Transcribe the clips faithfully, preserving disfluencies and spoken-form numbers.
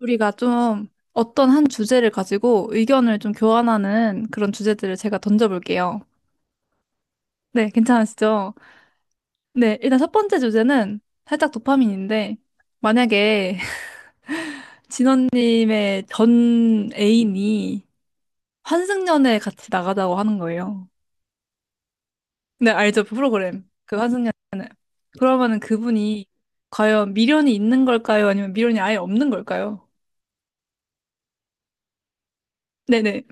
우리가 좀 어떤 한 주제를 가지고 의견을 좀 교환하는 그런 주제들을 제가 던져볼게요. 네, 괜찮으시죠? 네, 일단 첫 번째 주제는 살짝 도파민인데, 만약에 진원님의 전 애인이 환승연애 같이 나가자고 하는 거예요. 네, 알죠? 그 프로그램. 그 환승연애. 그러면은 그분이 과연 미련이 있는 걸까요? 아니면 미련이 아예 없는 걸까요? 네네. 네.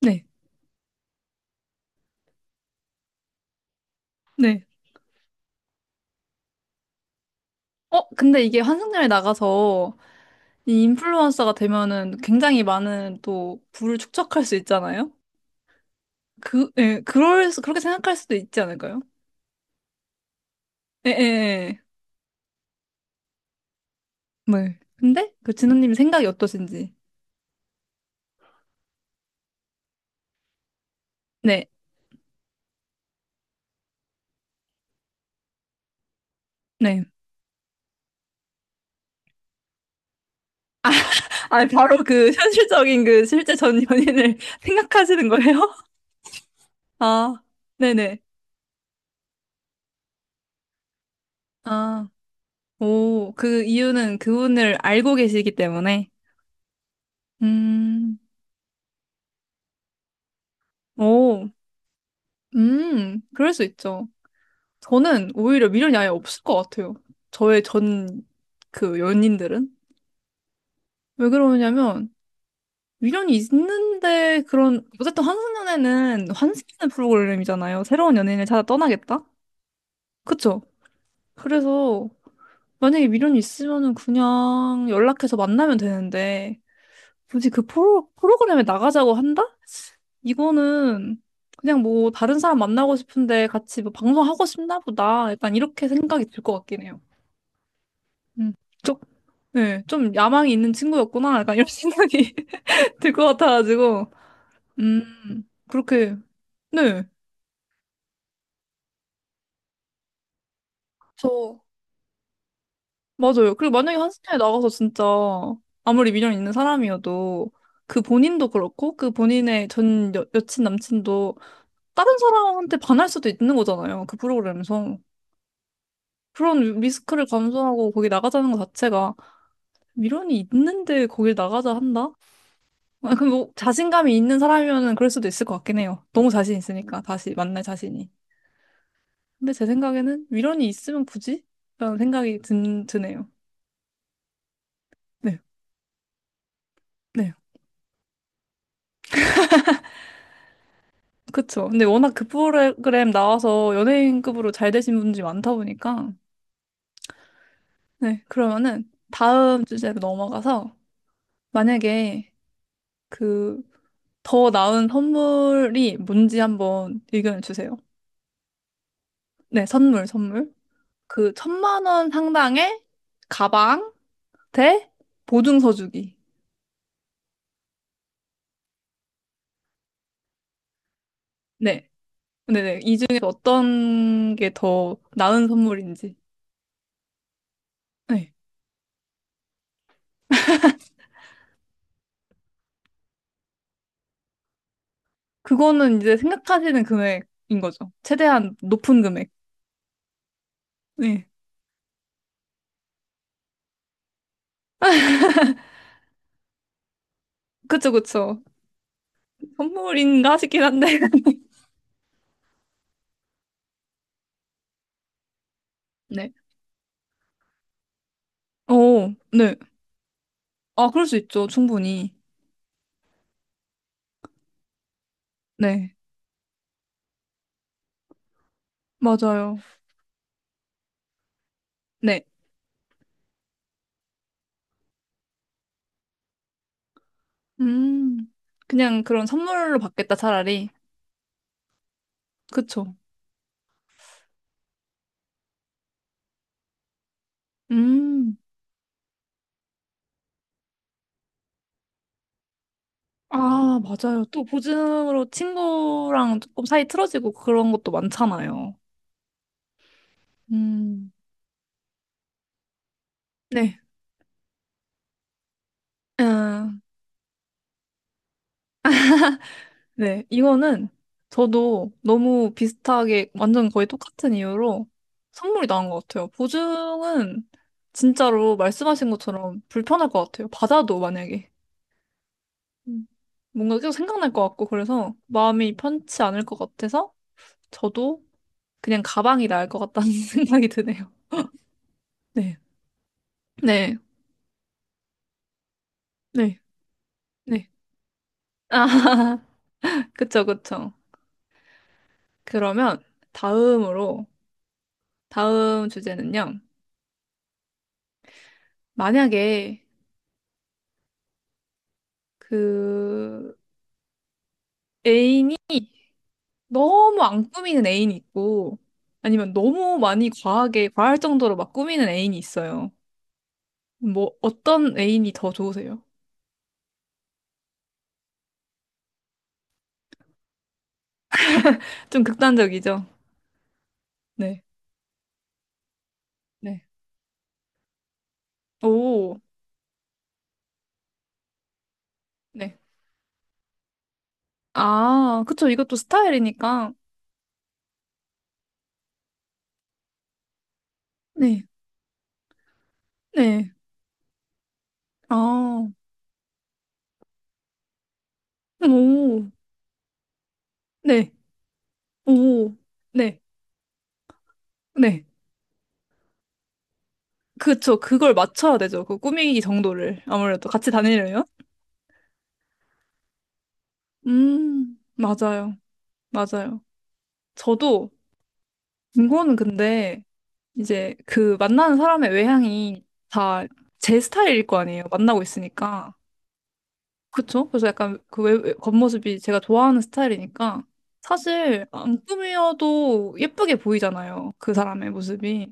네. 네. 어, 근데 이게 환승연애 나가서 이 인플루언서가 되면은 굉장히 많은 또 부를 축적할 수 있잖아요. 그, 예, 그럴, 수- 그렇게 생각할 수도 있지 않을까요? 예, 예, 예. 네. 근데 그 진호님 생각이 어떠신지. 네, 네. 아, 바로 그 현실적인 그 실제 전 연인을 생각하시는 거예요? 아, 네네. 아, 오, 그 이유는 그분을 알고 계시기 때문에. 음, 오, 음, 그럴 수 있죠. 저는 오히려 미련이 아예 없을 것 같아요. 저의 전 그 연인들은. 왜 그러냐면, 미련이 있는데 그런, 어쨌든 환승연애는 환승연애 프로그램이잖아요. 새로운 연인을 찾아 떠나겠다? 그쵸? 그래서 만약에 미련이 있으면은 그냥 연락해서 만나면 되는데, 굳이 그 프로, 프로그램에 나가자고 한다? 이거는 그냥 뭐 다른 사람 만나고 싶은데 같이 뭐 방송하고 싶나 보다. 약간 이렇게 생각이 들 것 같긴 해요. 음, 좀, 네, 좀 야망이 있는 친구였구나. 약간 이런 생각이 들 것 같아가지고. 음, 그렇게, 네. 저, 맞아요. 그리고 만약에 한스타에 나가서 진짜 아무리 미련 있는 사람이어도 그 본인도 그렇고 그 본인의 전 여, 여친, 남친도 다른 사람한테 반할 수도 있는 거잖아요. 그 프로그램에서. 그런 리스크를 감수하고 거기 나가자는 것 자체가 미련이 있는데 거길 나가자 한다? 아, 그럼 뭐 자신감이 있는 사람이면은 그럴 수도 있을 것 같긴 해요. 너무 자신 있으니까 다시 만날 자신이. 근데 제 생각에는 위로이 있으면 굳이? 라는 생각이 든, 드네요. 네, 네, 그쵸. 근데 워낙 그 프로그램 나와서 연예인급으로 잘 되신 분들이 많다 보니까 네, 그러면은 다음 주제로 넘어가서 만약에 그 더 나은 선물이 뭔지 한번 의견을 주세요. 네, 선물, 선물. 그 천만 원 상당의 가방 대 보증서 주기. 네. 네네. 이 중에서 어떤 게 더 나은 선물인지. 네. 그거는 이제 생각하시는 금액인 거죠. 최대한 높은 금액. 네. 그쵸, 그쵸. 선물인가 싶긴 한데. 네. 오, 네. 아, 그럴 수 있죠. 충분히. 네. 맞아요. 네. 음. 그냥 그런 선물로 받겠다, 차라리. 그쵸. 음. 아, 맞아요. 또 보증으로 친구랑 조금 사이 틀어지고 그런 것도 많잖아요. 음, 네. 아, 네. 이거는 저도 너무 비슷하게 완전 거의 똑같은 이유로 선물이 나온 것 같아요. 보증은 진짜로 말씀하신 것처럼 불편할 것 같아요. 받아도 만약에. 음, 뭔가 계속 생각날 것 같고 그래서 마음이 편치 않을 것 같아서 저도 그냥 가방이 나을 것 같다는 생각이 드네요. 네. 네. 네. 네. 아, 그쵸, 그쵸. 그러면 다음으로 다음 주제는요. 만약에 그 애인이 너무 안 꾸미는 애인이 있고 아니면 너무 많이 과하게 과할 정도로 막 꾸미는 애인이 있어요. 뭐 어떤 애인이 더 좋으세요? 좀 극단적이죠? 네. 네. 오. 네. 아, 그쵸. 이것도 스타일이니까. 네. 네. 아. 오. 네. 오. 네. 네. 그쵸. 그걸 맞춰야 되죠. 그 꾸미기 정도를. 아무래도 같이 다니려면. 음. 맞아요. 맞아요. 저도 이거는 근데 이제 그 만나는 사람의 외향이 다 제 스타일일 거 아니에요. 만나고 있으니까. 그쵸? 그래서 약간 그 외, 외- 겉모습이 제가 좋아하는 스타일이니까 사실 안 꾸미어도 예쁘게 보이잖아요. 그 사람의 모습이.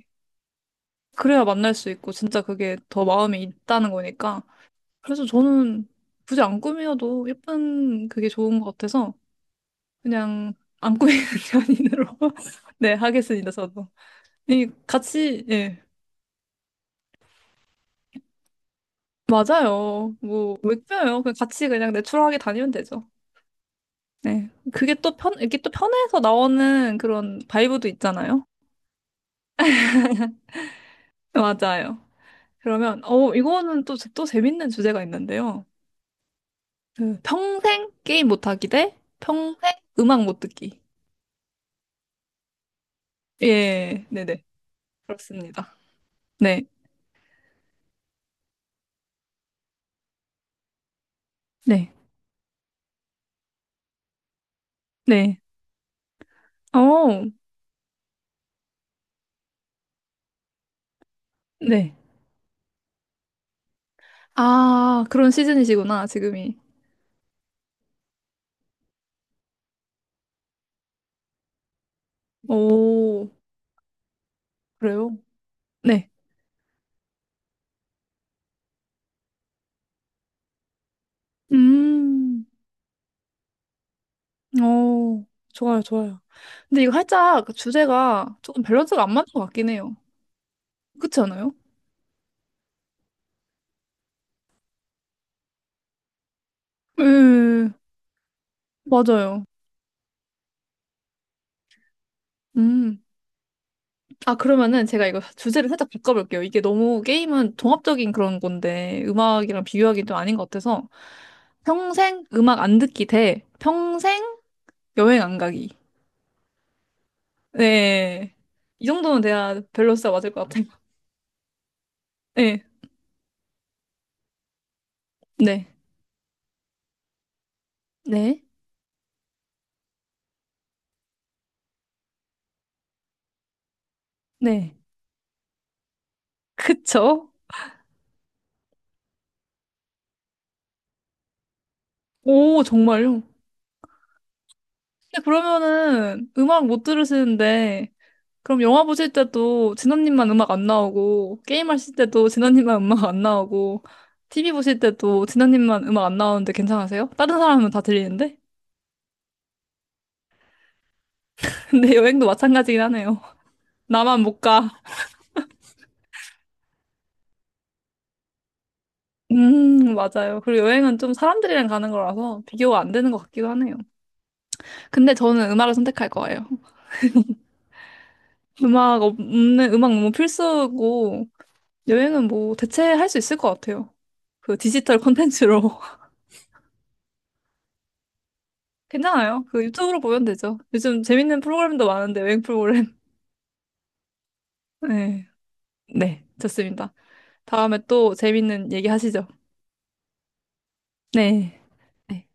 그래야 만날 수 있고 진짜 그게 더 마음이 있다는 거니까. 그래서 저는 굳이 안 꾸미어도 예쁜 그게 좋은 것 같아서 그냥 안 꾸미는 연인으로 네, 하겠습니다, 저도. 이 같이 예. 맞아요. 뭐, 왜 껴요? 그냥 같이 그냥 내추럴하게 다니면 되죠. 네. 그게 또 편, 이게 또 편해서 나오는 그런 바이브도 있잖아요. 맞아요. 그러면, 어, 이거는 또, 또 재밌는 주제가 있는데요. 그 평생 게임 못하기 대 평생 음악 못 듣기. 예, 네네. 그렇습니다. 네, 네, 네. 어, 네. 아, 그런 시즌이시구나, 지금이. 오, 그래요? 네. 음. 오 좋아요, 좋아요. 근데 이거 살짝 그 주제가 조금 밸런스가 안 맞는 것 같긴 해요. 그렇지 않아요? 예, 맞아요. 음. 아, 그러면은 제가 이거 주제를 살짝 바꿔볼게요. 이게 너무 게임은 종합적인 그런 건데, 음악이랑 비교하기 좀 아닌 것 같아서. 평생 음악 안 듣기 대 평생 여행 안 가기. 네. 이 정도는 돼야 밸런스가 맞을 것 같아요. 네. 네. 네. 네. 그쵸? 오, 정말요? 근데 그러면은 음악 못 들으시는데, 그럼 영화 보실 때도 진원님만 음악 안 나오고, 게임 하실 때도 진원님만 음악 안 나오고, 티비 보실 때도 진원님만 음악 안 나오는데 괜찮으세요? 다른 사람은 다 들리는데? 근데 여행도 마찬가지긴 하네요. 나만 못 가. 음, 맞아요. 그리고 여행은 좀 사람들이랑 가는 거라서 비교가 안 되는 것 같기도 하네요. 근데 저는 음악을 선택할 거예요. 음악 없는, 음악 너무 필수고, 여행은 뭐 대체할 수 있을 것 같아요. 그 디지털 콘텐츠로. 괜찮아요. 그 유튜브로 보면 되죠. 요즘 재밌는 프로그램도 많은데, 여행 프로그램. 네. 네, 좋습니다. 다음에 또 재밌는 얘기 하시죠. 네. 네.